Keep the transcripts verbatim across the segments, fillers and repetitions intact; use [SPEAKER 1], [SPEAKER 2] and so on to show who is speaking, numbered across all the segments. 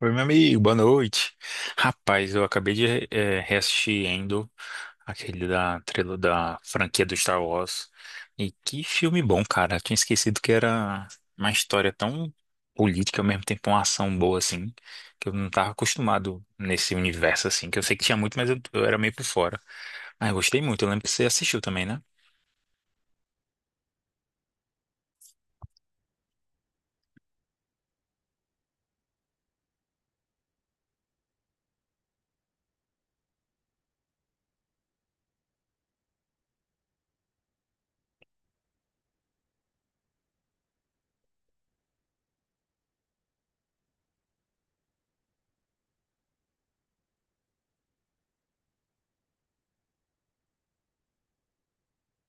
[SPEAKER 1] Oi, meu amigo, boa noite. Rapaz, eu acabei de re- eh, reassistir Endo, aquele da, trilo- da franquia do Star Wars. E que filme bom, cara. Eu tinha esquecido que era uma história tão política, ao mesmo tempo uma ação boa, assim, que eu não tava acostumado nesse universo, assim, que eu sei que tinha muito, mas eu, eu era meio por fora. Mas eu gostei muito, eu lembro que você assistiu também, né?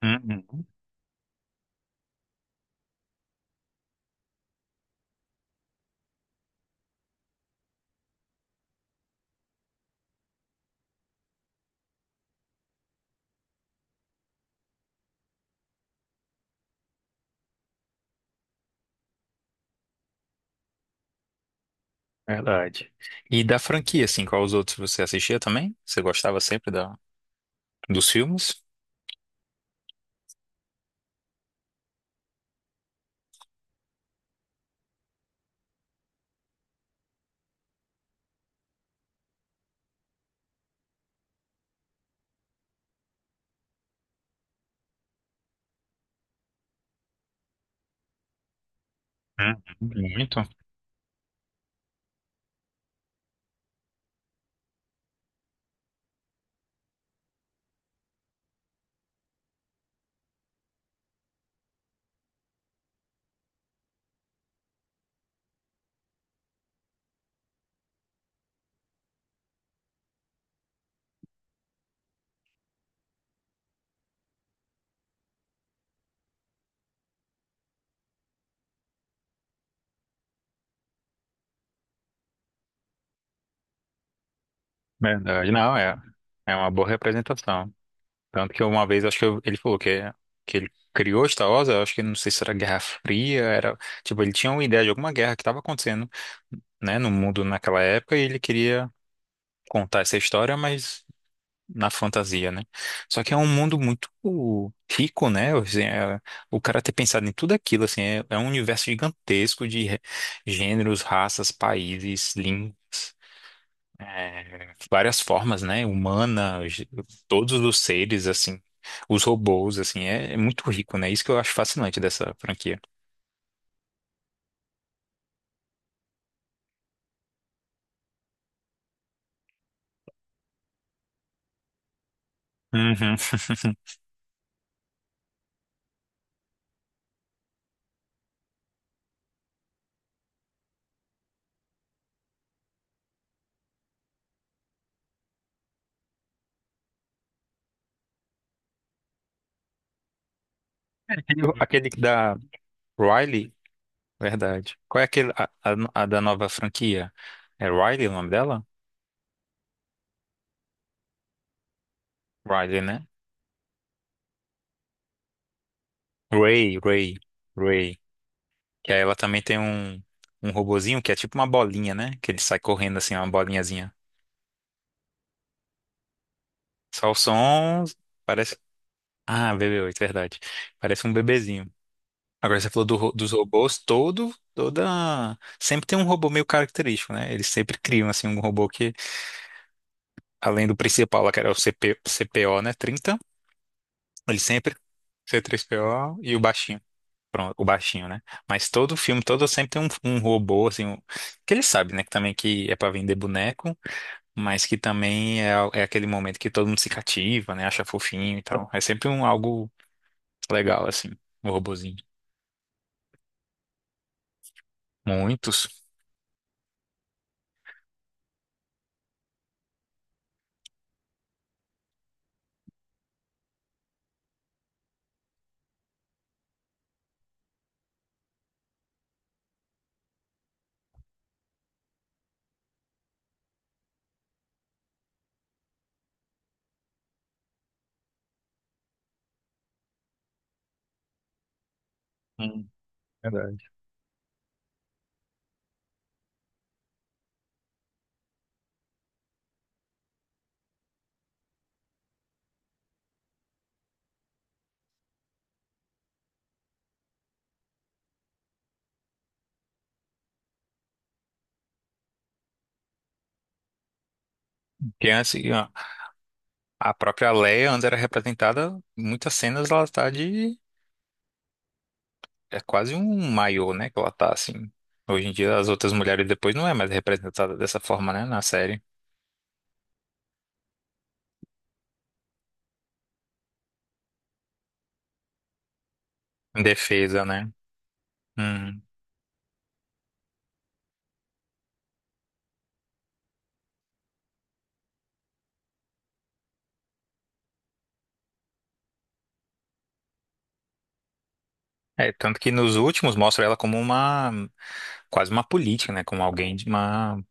[SPEAKER 1] Uhum, verdade. E da franquia, assim, qual os outros você assistia também? Você gostava sempre da, dos filmes? Hum. Muito, verdade. Não, é, é uma boa representação. Tanto que uma vez, acho que eu- ele falou que, que ele criou Star Wars, eu acho que, não sei se era Guerra Fria, era, tipo, ele tinha uma ideia de alguma guerra que estava acontecendo, né, no mundo naquela época, e ele queria contar essa história, mas na fantasia, né? Só que é um mundo muito rico, né? Assim, é- o cara ter pensado em tudo aquilo, assim, é, é um universo gigantesco de re- gêneros, raças, países, línguas. É, várias formas, né? Humanas, todos os seres, assim, os robôs, assim, é, é muito rico, né? Isso que eu acho fascinante dessa franquia. Uhum. E o- Aquele da Riley, verdade. Qual é aquele, a, a- a da nova franquia? É Riley o nome dela? Riley, né? Ray, Ray, Ray. Que aí ela também tem um, um robozinho que é tipo uma bolinha, né? Que ele sai correndo assim, uma bolinhazinha. Só o som, parece... Ah, B B oito, verdade. Parece um bebezinho. Agora você falou do ro- dos robôs, todo, toda. Sempre tem um robô meio característico, né? Eles sempre criam, assim, um robô que, além do principal, lá que era o CP, C P O, né? Trinta ele sempre, C três P O e o baixinho. Pronto, o baixinho, né? Mas todo filme, todo sempre tem um, um robô, assim, um- que ele sabe, né? Que também que é pra vender boneco, mas que também é, é aquele momento que todo mundo se cativa, né? Acha fofinho e tal. É sempre um algo legal, assim, um robozinho. Muitos. Hum, Verdade. Porque antes, a própria Leia, antes era representada, em muitas cenas ela tá de. É quase um maiô, né? Que ela tá assim. Hoje em dia, as outras mulheres depois não é mais representada dessa forma, né? Na série. Em defesa, né? Hum. É, tanto que nos últimos mostra ela como uma. Quase uma política, né? Como alguém de uma.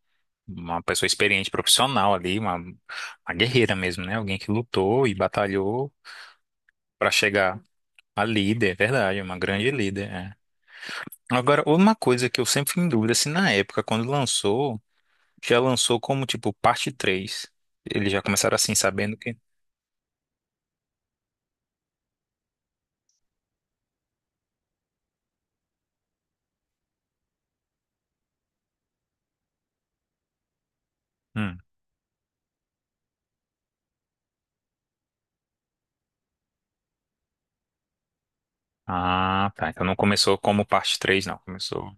[SPEAKER 1] Uma pessoa experiente, profissional ali, uma, uma guerreira mesmo, né? Alguém que lutou e batalhou pra chegar a líder, é verdade, uma grande líder, é. Agora, uma coisa que eu sempre fui em dúvida, se na época, quando lançou, já lançou como, tipo, parte três. Eles já começaram assim, sabendo que... Hum. Ah, tá. Então não começou como parte três não. Começou...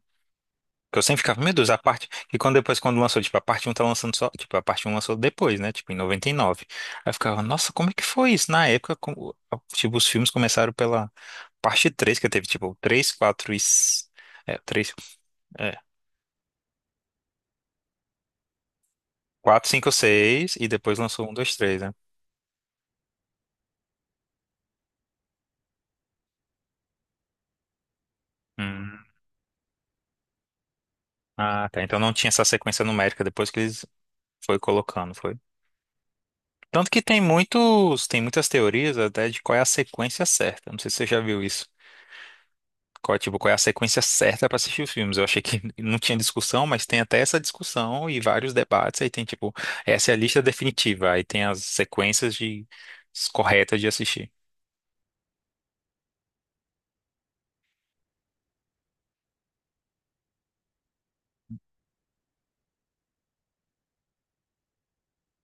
[SPEAKER 1] Que eu sempre ficava, meu Deus, a parte... E quando depois, quando lançou, tipo, a parte um tá lançando só... Tipo, a parte um lançou depois, né? Tipo, em noventa e nove. Aí eu ficava, nossa, como é que foi isso? Na época, como... Tipo, os filmes começaram pela parte três que teve, tipo, três quatro e... s- é, três... É, quatro, cinco, seis, e depois lançou um dois três, né? Ah, tá. Então não tinha essa sequência numérica depois que eles foi colocando, foi. Tanto que tem muitos, tem muitas teorias até de qual é a sequência certa. Não sei se você já viu isso. Qual, é, tipo, qual é a sequência certa para assistir os filmes? Eu achei que não tinha discussão, mas tem até essa discussão e vários debates. Aí tem tipo, essa é a lista definitiva. Aí tem as sequências de corretas de assistir.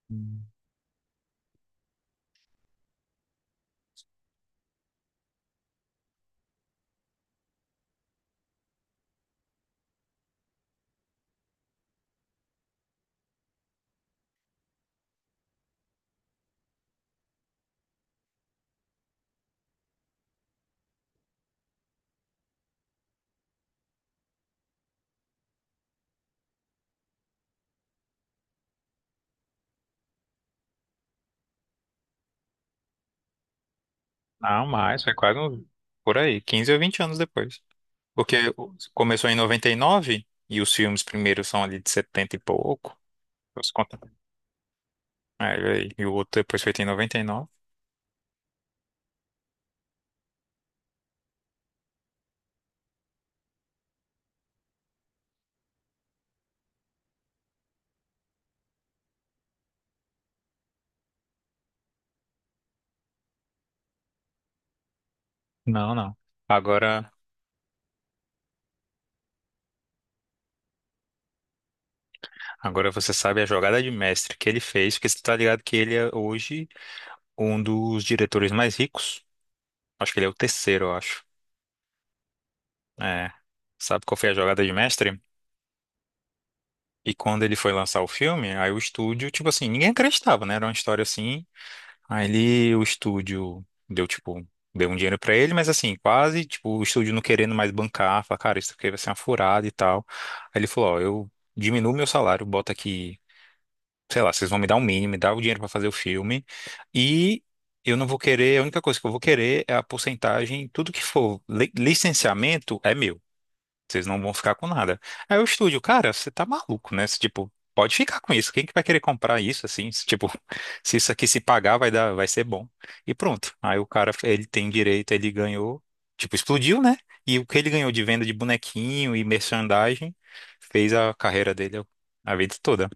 [SPEAKER 1] Hum. Não, mais, foi quase um- por aí, quinze ou vinte anos depois. Porque o- começou em noventa e nove e os filmes primeiros são ali de setenta e pouco. Os conta. É, olha, e o outro depois feito em noventa e nove. Não, não. Agora, agora você sabe a jogada de mestre que ele fez, porque você tá ligado que ele é hoje um dos diretores mais ricos. Acho que ele é o terceiro, eu acho. É. Sabe qual foi a jogada de mestre? E quando ele foi lançar o filme, aí o estúdio, tipo assim, ninguém acreditava, né? Era uma história assim. Aí ele, o estúdio deu, tipo, deu um dinheiro pra ele, mas assim, quase, tipo, o estúdio não querendo mais bancar, falar, cara, isso aqui vai ser uma furada e tal. Aí ele falou, ó, eu diminuo meu salário, bota aqui, sei lá, vocês vão me dar o mínimo, me dá o dinheiro pra fazer o filme, e eu não vou querer, a única coisa que eu vou querer é a porcentagem, tudo que for li- licenciamento é meu. Vocês não vão ficar com nada. Aí o estúdio, cara, você tá maluco, né? Você, tipo, pode ficar com isso. Quem que vai querer comprar isso assim? Se, tipo, se isso aqui se pagar, vai dar, vai ser bom. E pronto. Aí o cara, ele tem direito, ele ganhou, tipo, explodiu, né? E o que ele ganhou de venda de bonequinho e merchandising fez a carreira dele a vida toda.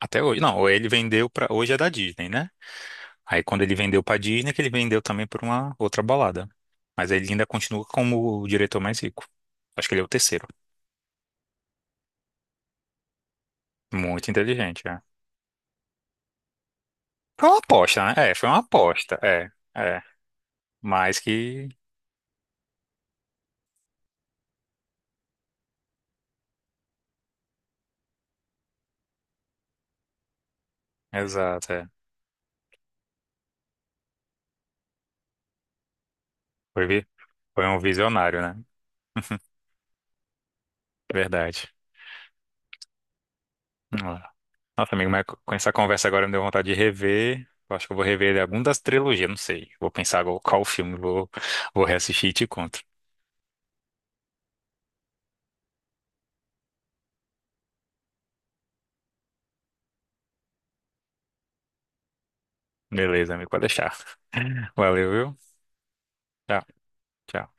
[SPEAKER 1] Até hoje. Não, ele vendeu pra. Hoje é da Disney, né? Aí quando ele vendeu pra Disney, que ele vendeu também pra uma outra balada. Mas ele ainda continua como o diretor mais rico. Acho que ele é o terceiro. Muito inteligente, é. Foi uma aposta, né? É, foi uma aposta, é, é. Mas que. Exato, é. Foi, vi- foi um visionário, né? Verdade. Vamos lá. Nossa, amigo, mas com essa conversa agora me deu vontade de rever. Eu acho que eu vou rever ele algum das trilogias, não sei. Vou pensar agora qual filme vou, vou reassistir e te conto. Beleza, amigo, pode deixar. Valeu, viu? Tchau, tchau.